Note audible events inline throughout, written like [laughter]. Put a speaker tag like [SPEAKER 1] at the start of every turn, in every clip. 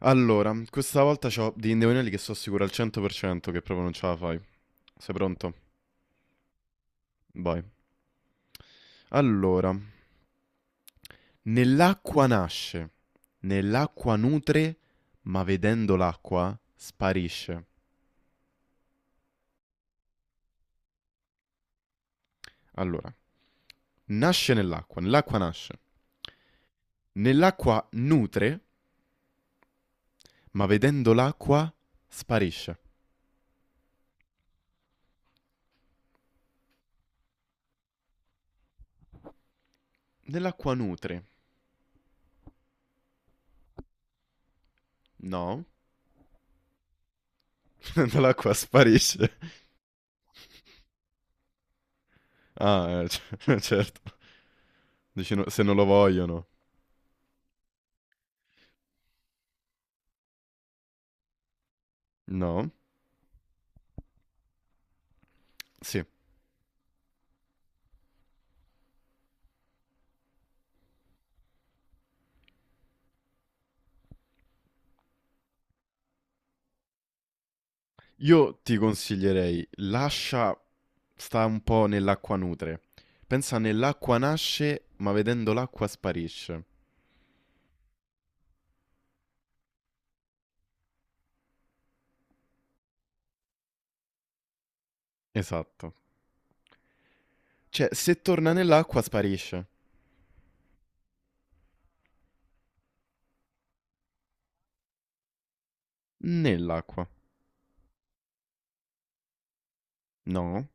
[SPEAKER 1] Allora, questa volta c'ho degli indovinelli che sono sicuro al 100% che proprio non ce la fai. Sei pronto? Vai. Allora, nell'acqua nasce, nell'acqua nutre, ma vedendo l'acqua sparisce. Allora, nasce nell'acqua, nell'acqua nasce, nell'acqua nutre, ma vedendo l'acqua sparisce. Nell'acqua nutre? No, [laughs] nell'acqua sparisce. Ah, [laughs] certo. Dici se non lo vogliono. No, sì. Io ti consiglierei, lascia, sta un po' nell'acqua nutre. Pensa nell'acqua nasce, ma vedendo l'acqua sparisce. Esatto. Cioè, se torna nell'acqua sparisce. Nell'acqua. No.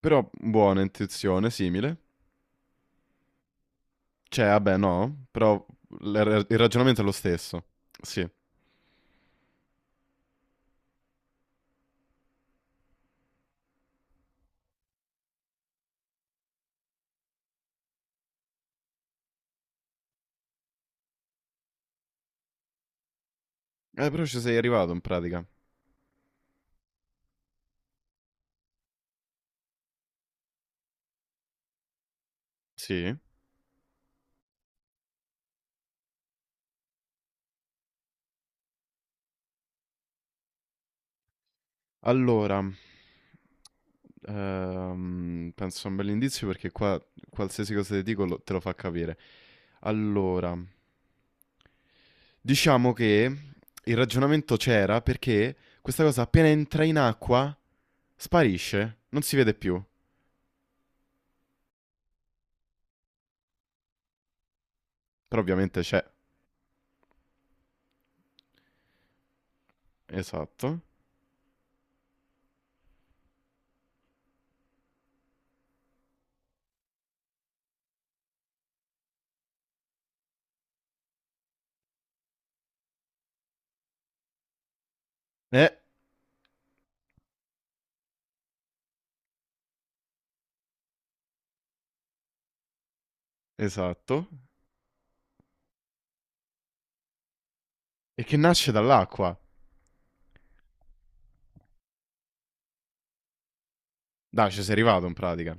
[SPEAKER 1] Però buona intuizione, simile. Cioè, vabbè, no. Però il ragionamento è lo stesso. Sì. Però ci sei arrivato in pratica. Sì. Allora, penso sia un bell'indizio perché qua qualsiasi cosa ti dico te lo fa capire. Allora, diciamo che il ragionamento c'era perché questa cosa appena entra in acqua sparisce, non si vede più. Però ovviamente c'è. Esatto. Eh, esatto. E che nasce dall'acqua. Dai, ci sei arrivato in pratica.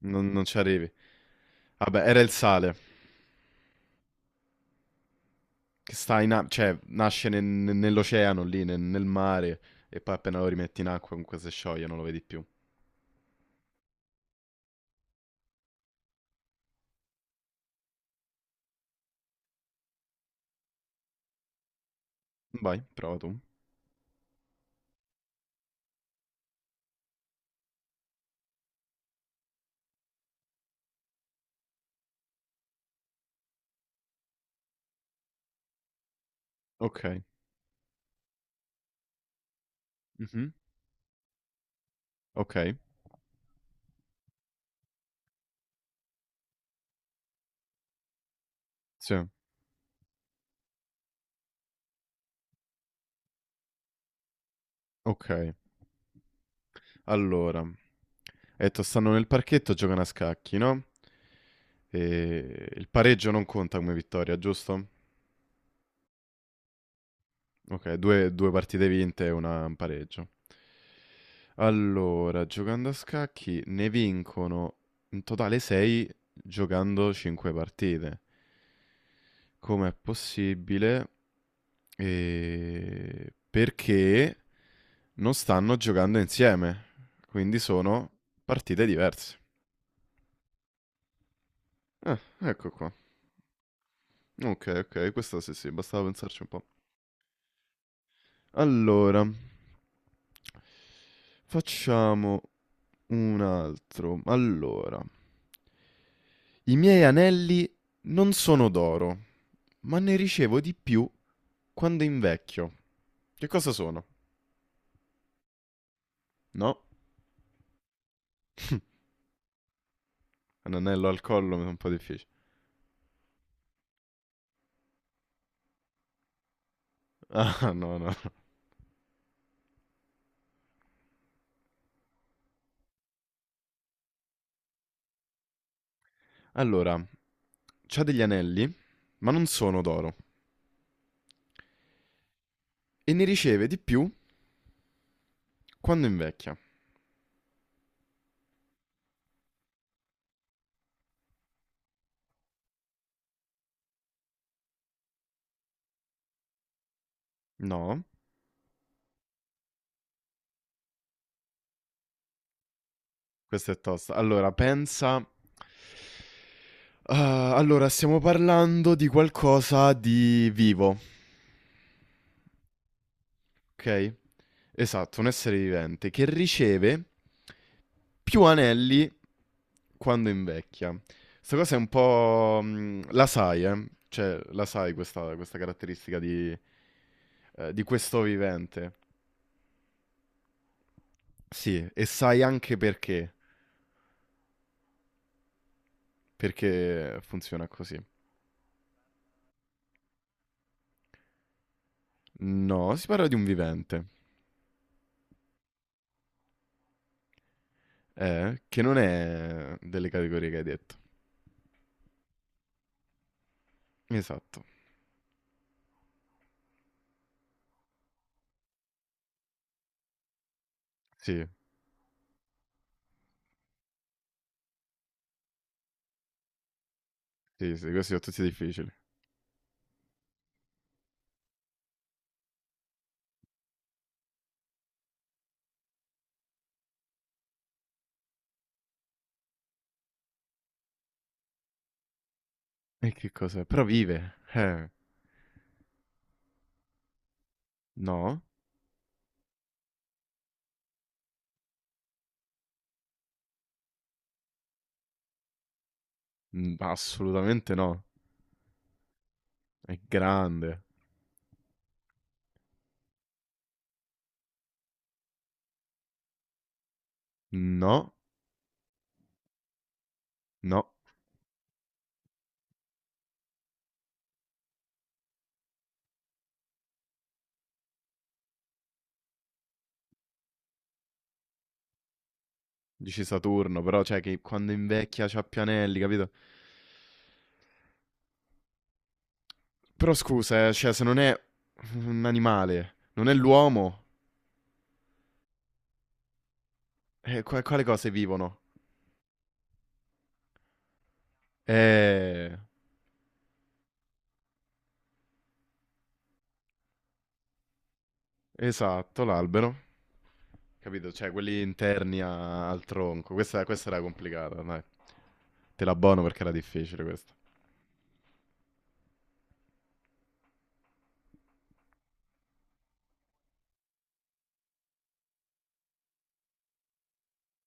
[SPEAKER 1] Non ci arrivi. Vabbè, era il sale. Che sta in acqua, cioè nasce nell'oceano lì, nel mare, e poi appena lo rimetti in acqua comunque si scioglie, non lo vedi più. Vai, prova tu. Ok. Mhm. Ok. Sì. Ok. Allora. Hai detto stanno nel parchetto, giocano a scacchi, no? E il pareggio non conta come vittoria, giusto? Ok, due, due partite vinte e una un pareggio. Allora, giocando a scacchi ne vincono in totale 6 giocando 5 partite. Com'è possibile? E perché non stanno giocando insieme, quindi sono partite diverse. Ah, ecco qua. Ok, ok, questa sì, sì, bastava pensarci un po'. Allora, facciamo un altro. Allora, i miei anelli non sono d'oro, ma ne ricevo di più quando invecchio. Che cosa sono? No? Un anello al collo mi è un po' difficile. [laughs] Ah, no, no. Allora, c'ha degli anelli, ma non sono d'oro. E ne riceve di più quando invecchia. No, questa è tosta. Allora, pensa... Ah, allora, stiamo parlando di qualcosa di vivo, ok? Esatto, un essere vivente che riceve più anelli quando invecchia. Questa cosa è un po'... la sai, eh? Cioè, la sai questa, questa caratteristica di questo vivente. Sì, e sai anche perché. Perché funziona così. No, si parla di un vivente, che non è delle categorie che hai detto. Esatto. Sì, sì, sì, questi sono tutti difficili. E che cos'è? Però vive. No, Mm, assolutamente no. È grande. No, no, dici Saturno, però cioè che quando invecchia c'ha pianelli, capito? Però scusa, cioè se non è un animale, non è l'uomo, quale cose vivono? Eh, esatto, l'albero, capito? Cioè quelli interni al tronco, questa era complicata, dai. Te la buono perché era difficile questa.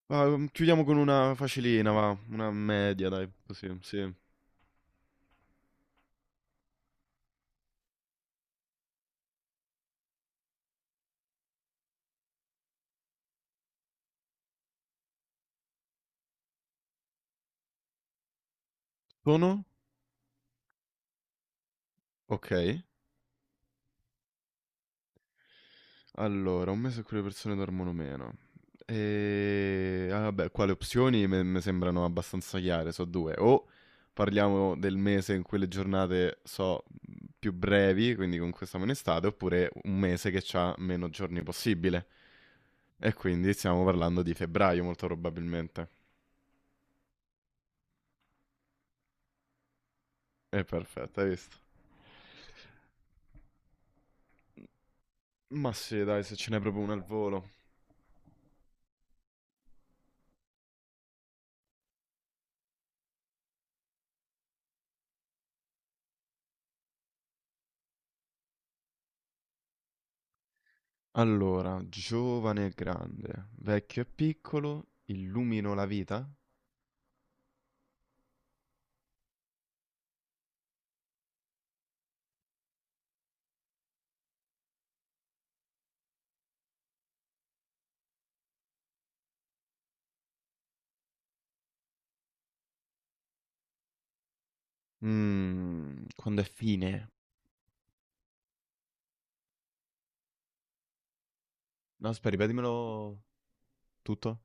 [SPEAKER 1] Va, chiudiamo con una facilina, va, una media, dai, così, sì. Sono? Ok. Allora, un mese in cui le persone dormono meno. E ah, vabbè, qua le opzioni mi sembrano abbastanza chiare, so due. O parliamo del mese in cui le giornate so più brevi, quindi comunque siamo in estate, oppure un mese che ha meno giorni possibile. E quindi stiamo parlando di febbraio, molto probabilmente. È perfetto, hai visto? Ma sì, dai, se ce n'è proprio una al volo. Allora, giovane e grande, vecchio e piccolo, illumino la vita? Mmm, quando è fine? No, aspetta, ripetimelo tutto.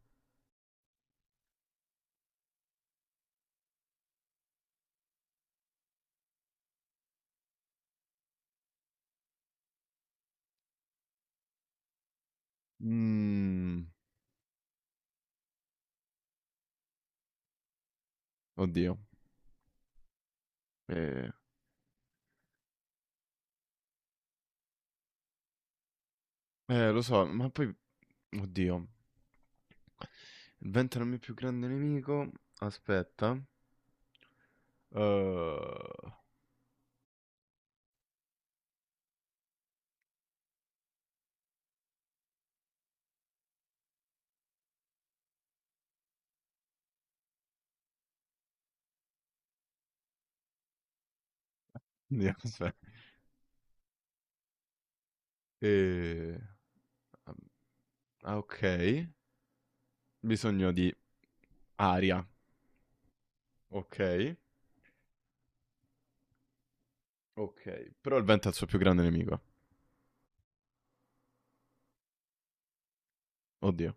[SPEAKER 1] Mmm, oddio. Eh, lo so, ma poi... Oddio. Il vento è il mio più grande nemico. Aspetta. Eh, Oddio, [laughs] aspetta. Eh, ah, ok. Bisogno di aria. Ok. Ok. Però il vento è il suo più grande nemico. Oddio.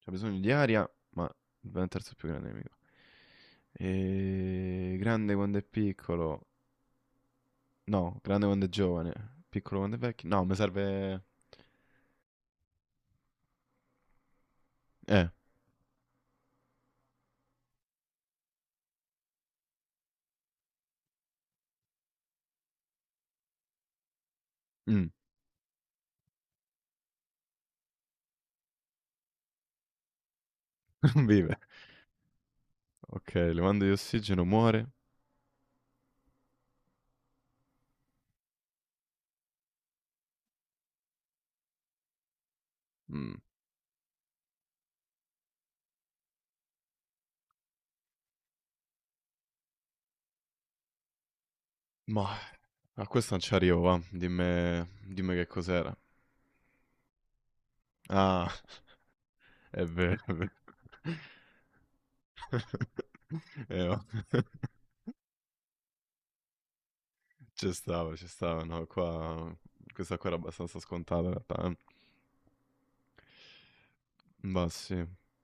[SPEAKER 1] C'ha bisogno di aria, ma è il terzo più grande nemico. E... Grande quando è piccolo. No, grande quando è giovane. Piccolo quando è vecchio. No, mi serve... Eh, mm, [laughs] vive. Ok, le mando di ossigeno, muore. Mm, Ma a questo non ci arrivo, va. Dimmi, dimmi che cos'era. Ah, [laughs] è vero, è vero. [laughs] Oh. [laughs] Ci stava, no, qua... Questa qua era abbastanza scontata in realtà. Eh. Ma sì.